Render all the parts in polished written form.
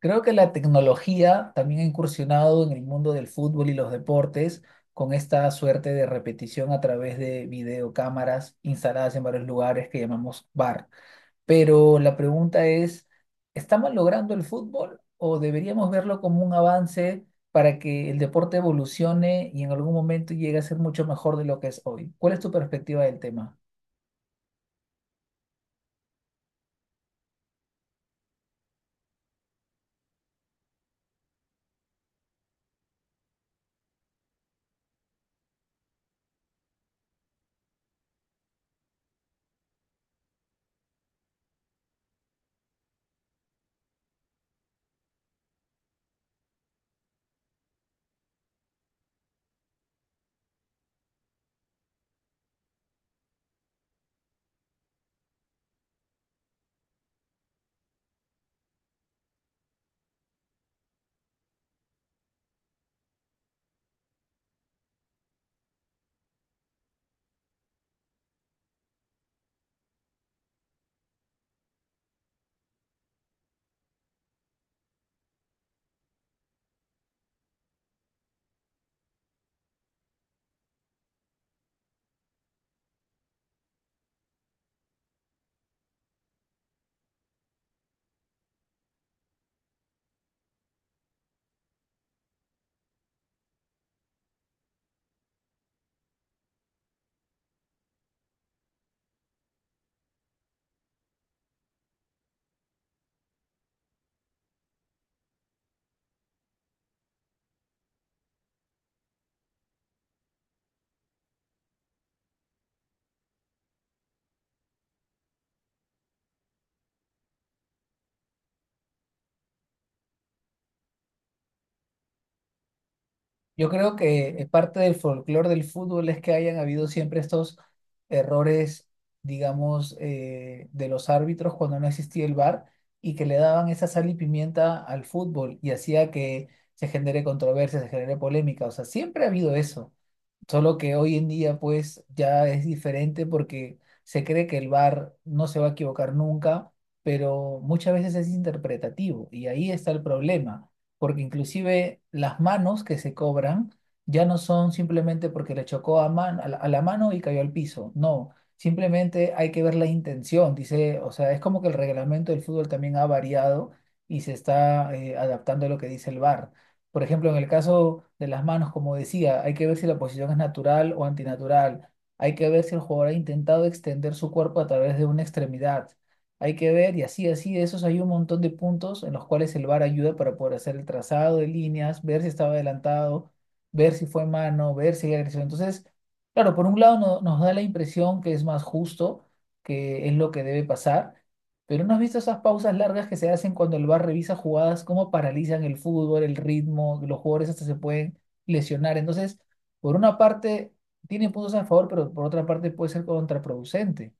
Creo que la tecnología también ha incursionado en el mundo del fútbol y los deportes con esta suerte de repetición a través de videocámaras instaladas en varios lugares que llamamos VAR. Pero la pregunta es, ¿estamos logrando el fútbol o deberíamos verlo como un avance para que el deporte evolucione y en algún momento llegue a ser mucho mejor de lo que es hoy? ¿Cuál es tu perspectiva del tema? Yo creo que parte del folclore del fútbol es que hayan habido siempre estos errores, digamos, de los árbitros cuando no existía el VAR y que le daban esa sal y pimienta al fútbol y hacía que se genere controversia, se genere polémica. O sea, siempre ha habido eso. Solo que hoy en día pues ya es diferente porque se cree que el VAR no se va a equivocar nunca, pero muchas veces es interpretativo y ahí está el problema, porque inclusive las manos que se cobran ya no son simplemente porque le chocó a, a la mano y cayó al piso, no, simplemente hay que ver la intención, dice, o sea, es como que el reglamento del fútbol también ha variado y se está adaptando a lo que dice el VAR. Por ejemplo, en el caso de las manos, como decía, hay que ver si la posición es natural o antinatural. Hay que ver si el jugador ha intentado extender su cuerpo a través de una extremidad. Hay que ver, y así, así, de esos hay un montón de puntos en los cuales el VAR ayuda para poder hacer el trazado de líneas, ver si estaba adelantado, ver si fue mano, ver si hay agresión. Entonces, claro, por un lado nos da la impresión que es más justo, que es lo que debe pasar. Pero ¿no has visto esas pausas largas que se hacen cuando el VAR revisa jugadas, cómo paralizan el fútbol, el ritmo, los jugadores hasta se pueden lesionar? Entonces, por una parte, tiene puntos a favor, pero por otra parte puede ser contraproducente.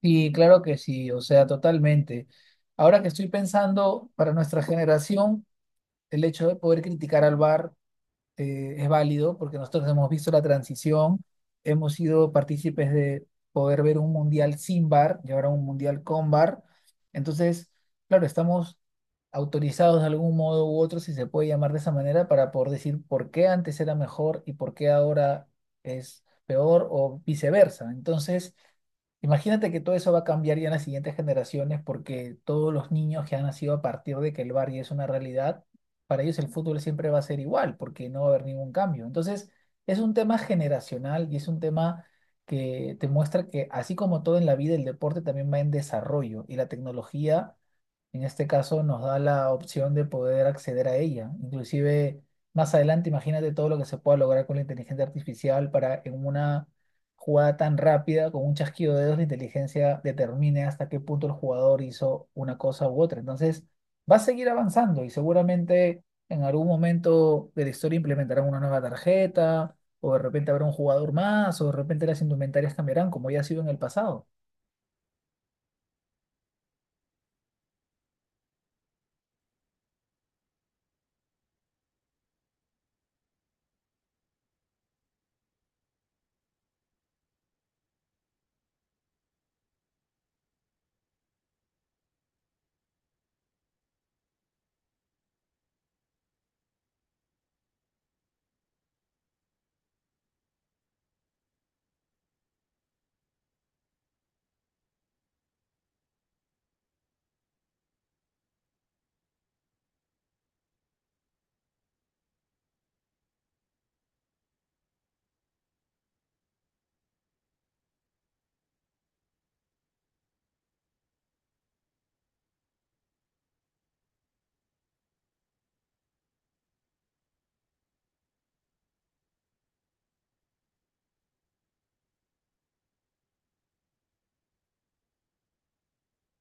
Y claro que sí, o sea, totalmente. Ahora que estoy pensando, para nuestra generación, el hecho de poder criticar al VAR es válido porque nosotros hemos visto la transición, hemos sido partícipes de poder ver un mundial sin VAR y ahora un mundial con VAR. Entonces, claro, estamos autorizados de algún modo u otro, si se puede llamar de esa manera, para poder decir por qué antes era mejor y por qué ahora es peor o viceversa. Entonces, imagínate que todo eso va a cambiar ya en las siguientes generaciones porque todos los niños que han nacido a partir de que el VAR ya es una realidad para ellos el fútbol siempre va a ser igual, porque no va a haber ningún cambio. Entonces, es un tema generacional y es un tema que te muestra que así como todo en la vida, el deporte también va en desarrollo y la tecnología en este caso nos da la opción de poder acceder a ella. Inclusive más adelante, imagínate todo lo que se pueda lograr con la inteligencia artificial para en una jugada tan rápida, con un chasquido de dedos, la inteligencia determine hasta qué punto el jugador hizo una cosa u otra. Entonces, va a seguir avanzando y seguramente en algún momento de la historia implementarán una nueva tarjeta, o de repente habrá un jugador más, o de repente las indumentarias cambiarán, como ya ha sido en el pasado.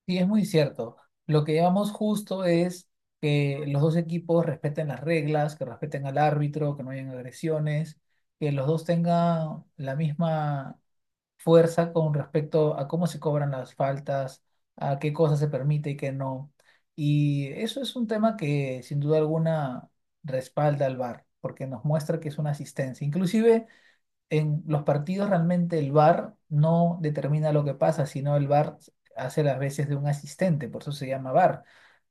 Sí, es muy cierto. Lo que llevamos justo es que los dos equipos respeten las reglas, que respeten al árbitro, que no hayan agresiones, que los dos tengan la misma fuerza con respecto a cómo se cobran las faltas, a qué cosas se permite y qué no. Y eso es un tema que sin duda alguna respalda al VAR, porque nos muestra que es una asistencia. Inclusive en los partidos realmente el VAR no determina lo que pasa, sino el VAR hace las veces de un asistente, por eso se llama VAR,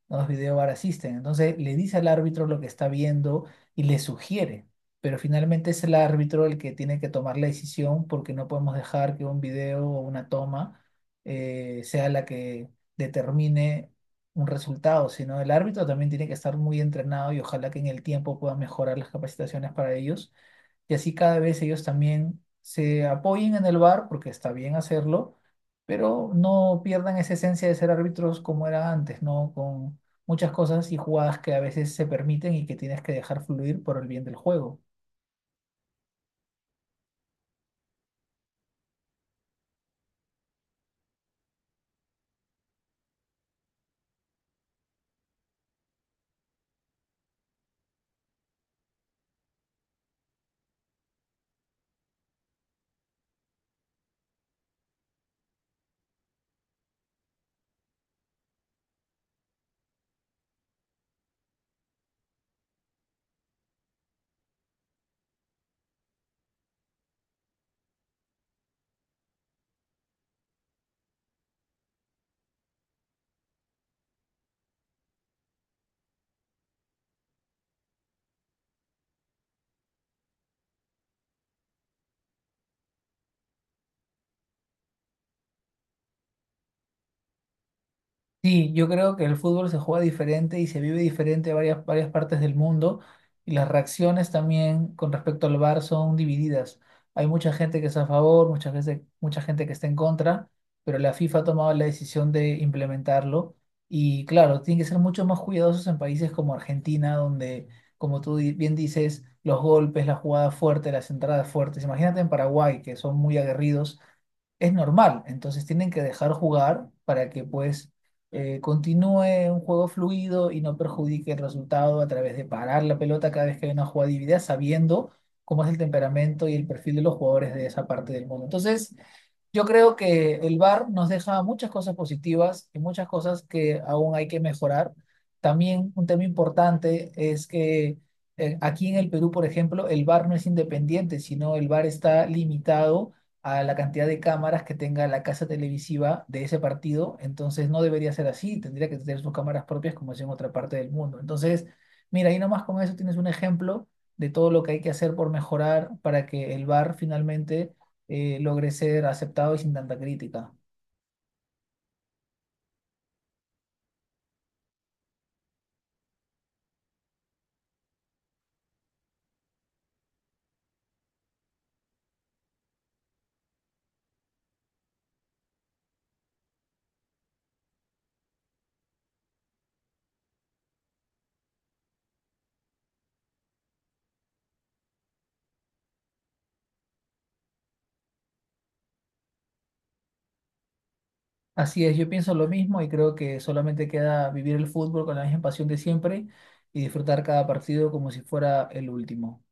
no es video VAR asisten. Entonces le dice al árbitro lo que está viendo y le sugiere, pero finalmente es el árbitro el que tiene que tomar la decisión porque no podemos dejar que un video o una toma sea la que determine un resultado, sino el árbitro también tiene que estar muy entrenado y ojalá que en el tiempo pueda mejorar las capacitaciones para ellos y así cada vez ellos también se apoyen en el VAR, porque está bien hacerlo, pero no pierdan esa esencia de ser árbitros como era antes, ¿no? Con muchas cosas y jugadas que a veces se permiten y que tienes que dejar fluir por el bien del juego. Sí, yo creo que el fútbol se juega diferente y se vive diferente en varias, varias partes del mundo y las reacciones también con respecto al VAR son divididas. Hay mucha gente que está a favor, mucha gente que está en contra, pero la FIFA ha tomado la decisión de implementarlo y claro, tienen que ser mucho más cuidadosos en países como Argentina, donde, como bien dices, los golpes, la jugada fuerte, las entradas fuertes. Imagínate en Paraguay, que son muy aguerridos es normal. Entonces tienen que dejar jugar para que pues continúe un juego fluido y no perjudique el resultado a través de parar la pelota cada vez que hay una jugada dividida, sabiendo cómo es el temperamento y el perfil de los jugadores de esa parte del mundo. Entonces, yo creo que el VAR nos deja muchas cosas positivas y muchas cosas que aún hay que mejorar. También un tema importante es que aquí en el Perú, por ejemplo, el VAR no es independiente, sino el VAR está limitado a la cantidad de cámaras que tenga la casa televisiva de ese partido. Entonces no debería ser así, tendría que tener sus cámaras propias como es en otra parte del mundo. Entonces, mira, ahí nomás con eso tienes un ejemplo de todo lo que hay que hacer por mejorar para que el VAR finalmente logré ser aceptado y sin tanta crítica. Así es, yo pienso lo mismo y creo que solamente queda vivir el fútbol con la misma pasión de siempre y disfrutar cada partido como si fuera el último.